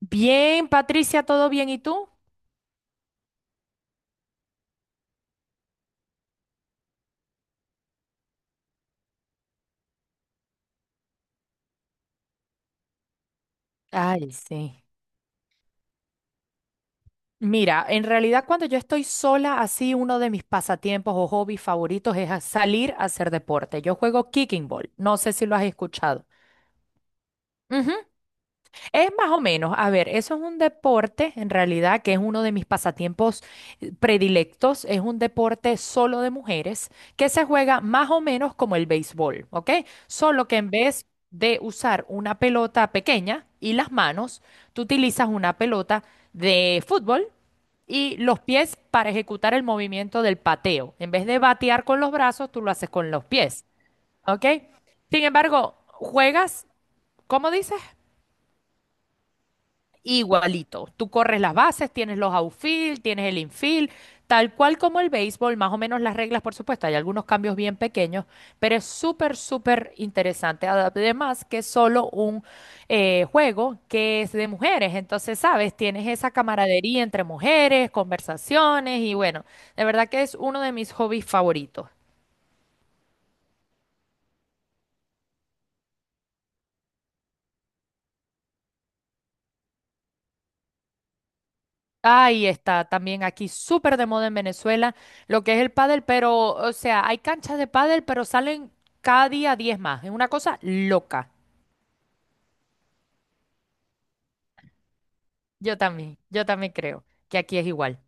Bien, Patricia, ¿todo bien? ¿Y tú? Ay, sí. Mira, en realidad cuando yo estoy sola, así uno de mis pasatiempos o hobbies favoritos es salir a hacer deporte. Yo juego kicking ball, no sé si lo has escuchado. Es más o menos, a ver, eso es un deporte en realidad que es uno de mis pasatiempos predilectos, es un deporte solo de mujeres que se juega más o menos como el béisbol, ¿ok? Solo que en vez de usar una pelota pequeña y las manos, tú utilizas una pelota de fútbol y los pies para ejecutar el movimiento del pateo. En vez de batear con los brazos, tú lo haces con los pies, ¿ok? Sin embargo, juegas, ¿cómo dices? Igualito. Tú corres las bases, tienes los outfield, tienes el infield, tal cual como el béisbol, más o menos las reglas, por supuesto, hay algunos cambios bien pequeños, pero es súper, súper interesante. Además que es solo un juego que es de mujeres, entonces, sabes, tienes esa camaradería entre mujeres, conversaciones y bueno, de verdad que es uno de mis hobbies favoritos. Ahí está, también aquí súper de moda en Venezuela, lo que es el pádel, pero, o sea, hay canchas de pádel, pero salen cada día 10 más. Es una cosa loca. Yo también creo que aquí es igual.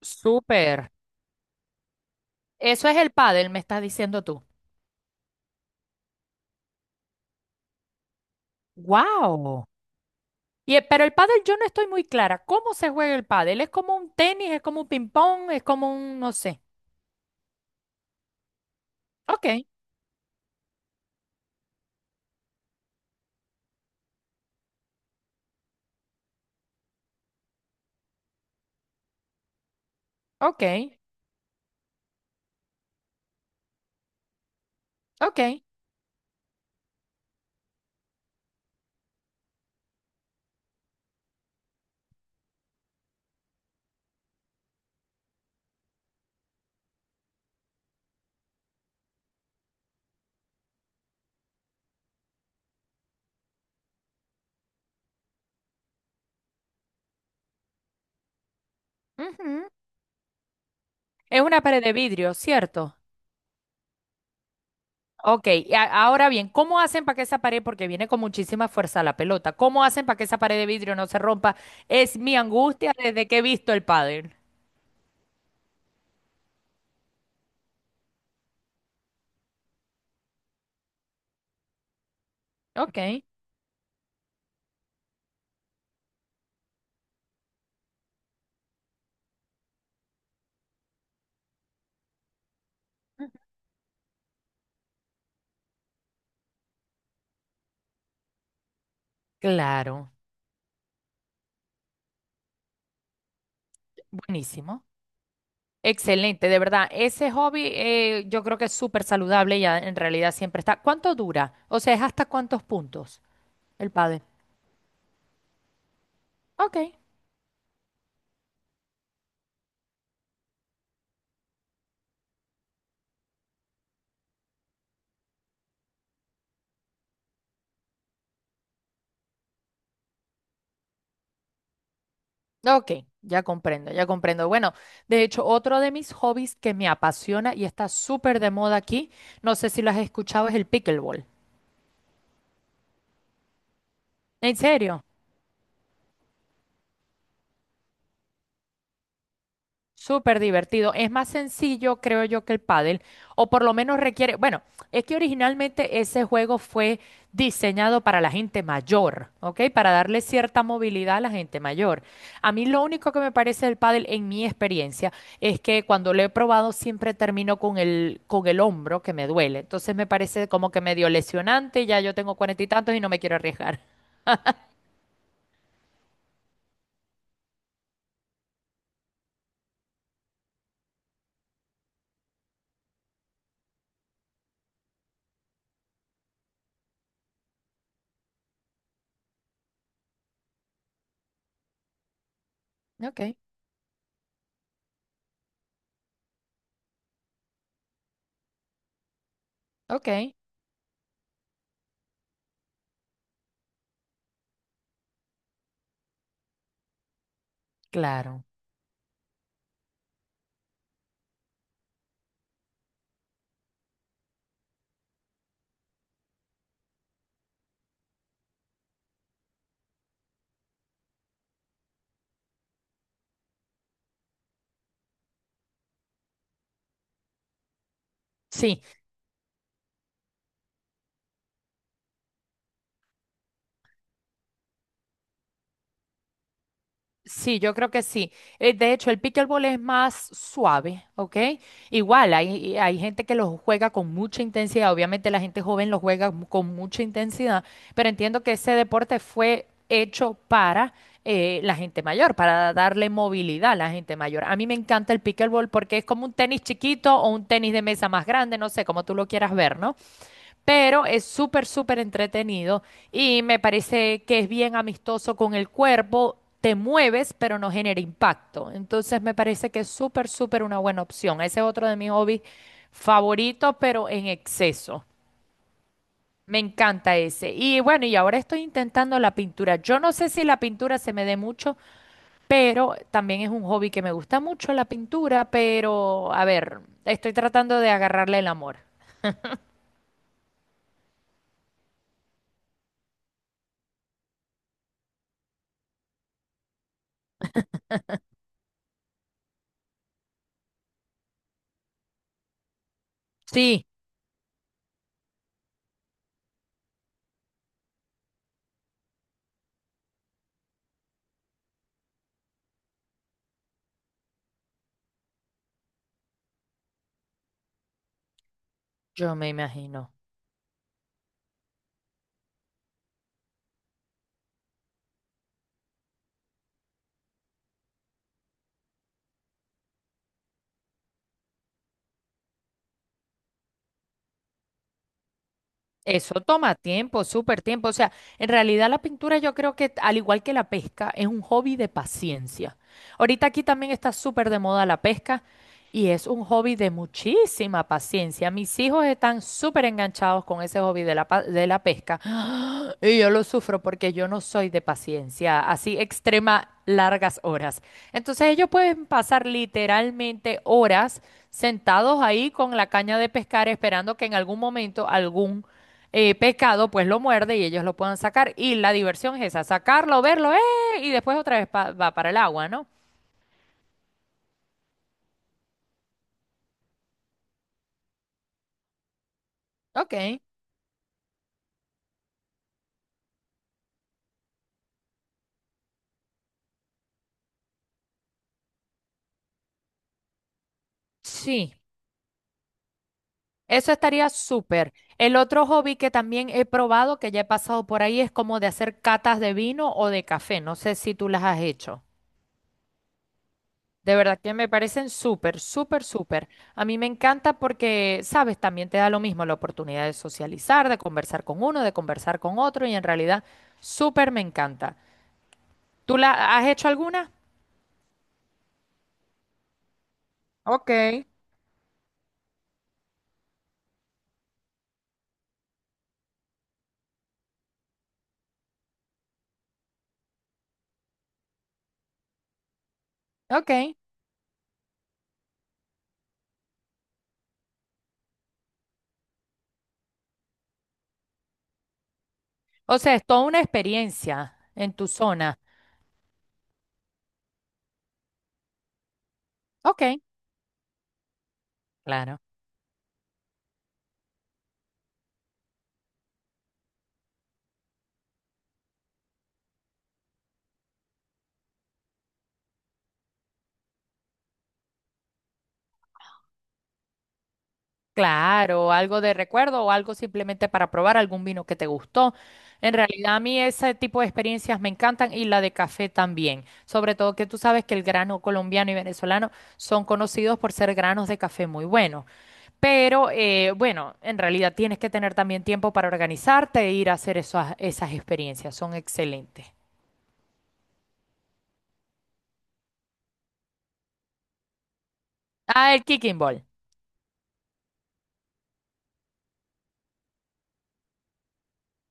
Súper. Eso es el pádel, me estás diciendo tú. ¡Wow! Y, pero el pádel yo no estoy muy clara. ¿Cómo se juega el pádel? ¿Es como un tenis? ¿Es como un ping-pong? ¿Es como un, no sé? Ok, ok, ok. Ujú. Es una pared de vidrio, ¿cierto? Ok, y ahora bien, ¿cómo hacen para que esa pared, porque viene con muchísima fuerza la pelota, ¿cómo hacen para que esa pared de vidrio no se rompa? Es mi angustia desde que he visto el pádel. Ok, claro, buenísimo. Excelente, de verdad. Ese hobby yo creo que es súper saludable y en realidad siempre está. ¿Cuánto dura? O sea, ¿es hasta cuántos puntos el pádel? Ok, ok, ya comprendo, ya comprendo. Bueno, de hecho, otro de mis hobbies que me apasiona y está súper de moda aquí, no sé si lo has escuchado, es el pickleball. En serio, súper divertido. Es más sencillo, creo yo, que el pádel, o por lo menos requiere, bueno, es que originalmente ese juego fue diseñado para la gente mayor, ¿ok? Para darle cierta movilidad a la gente mayor. A mí lo único que me parece del pádel, en mi experiencia, es que cuando lo he probado siempre termino con el hombro que me duele. Entonces me parece como que medio lesionante, ya yo tengo cuarenta y tantos y no me quiero arriesgar. Ok, ok, claro. Sí, sí, yo creo que sí. De hecho, el pickleball es más suave, ¿ok? Igual, hay gente que lo juega con mucha intensidad. Obviamente la gente joven lo juega con mucha intensidad, pero entiendo que ese deporte fue hecho para la gente mayor, para darle movilidad a la gente mayor. A mí me encanta el pickleball porque es como un tenis chiquito o un tenis de mesa más grande, no sé, como tú lo quieras ver, ¿no? Pero es súper, súper entretenido y me parece que es bien amistoso con el cuerpo. Te mueves, pero no genera impacto. Entonces me parece que es súper, súper una buena opción. Ese es otro de mis hobbies favoritos, pero en exceso. Me encanta ese. Y bueno, y ahora estoy intentando la pintura. Yo no sé si la pintura se me dé mucho, pero también es un hobby que me gusta mucho la pintura, pero a ver, estoy tratando de agarrarle el amor. Sí, yo me imagino. Eso toma tiempo, súper tiempo. O sea, en realidad la pintura yo creo que, al igual que la pesca, es un hobby de paciencia. Ahorita aquí también está súper de moda la pesca y es un hobby de muchísima paciencia. Mis hijos están súper enganchados con ese hobby de de la pesca y yo lo sufro porque yo no soy de paciencia, así extrema largas horas. Entonces ellos pueden pasar literalmente horas sentados ahí con la caña de pescar esperando que en algún momento algún pescado pues lo muerde y ellos lo puedan sacar. Y la diversión es esa, sacarlo, verlo, ¡eh! Y después otra vez va para el agua, ¿no? Ok, sí. Eso estaría súper. El otro hobby que también he probado, que ya he pasado por ahí, es como de hacer catas de vino o de café. No sé si tú las has hecho. De verdad que me parecen súper, súper, súper. A mí me encanta porque, sabes, también te da lo mismo la oportunidad de socializar, de conversar con uno, de conversar con otro y en realidad súper me encanta. ¿Tú la has hecho alguna? Ok, ok. O sea, es toda una experiencia en tu zona. Ok, claro. Claro, algo de recuerdo o algo simplemente para probar algún vino que te gustó. En realidad a mí ese tipo de experiencias me encantan y la de café también. Sobre todo que tú sabes que el grano colombiano y venezolano son conocidos por ser granos de café muy buenos. Pero bueno, en realidad tienes que tener también tiempo para organizarte e ir a hacer esas experiencias. Son excelentes. Ah, el kicking ball.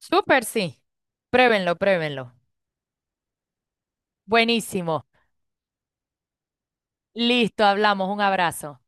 Súper, sí. Pruébenlo, pruébenlo. Buenísimo. Listo, hablamos. Un abrazo.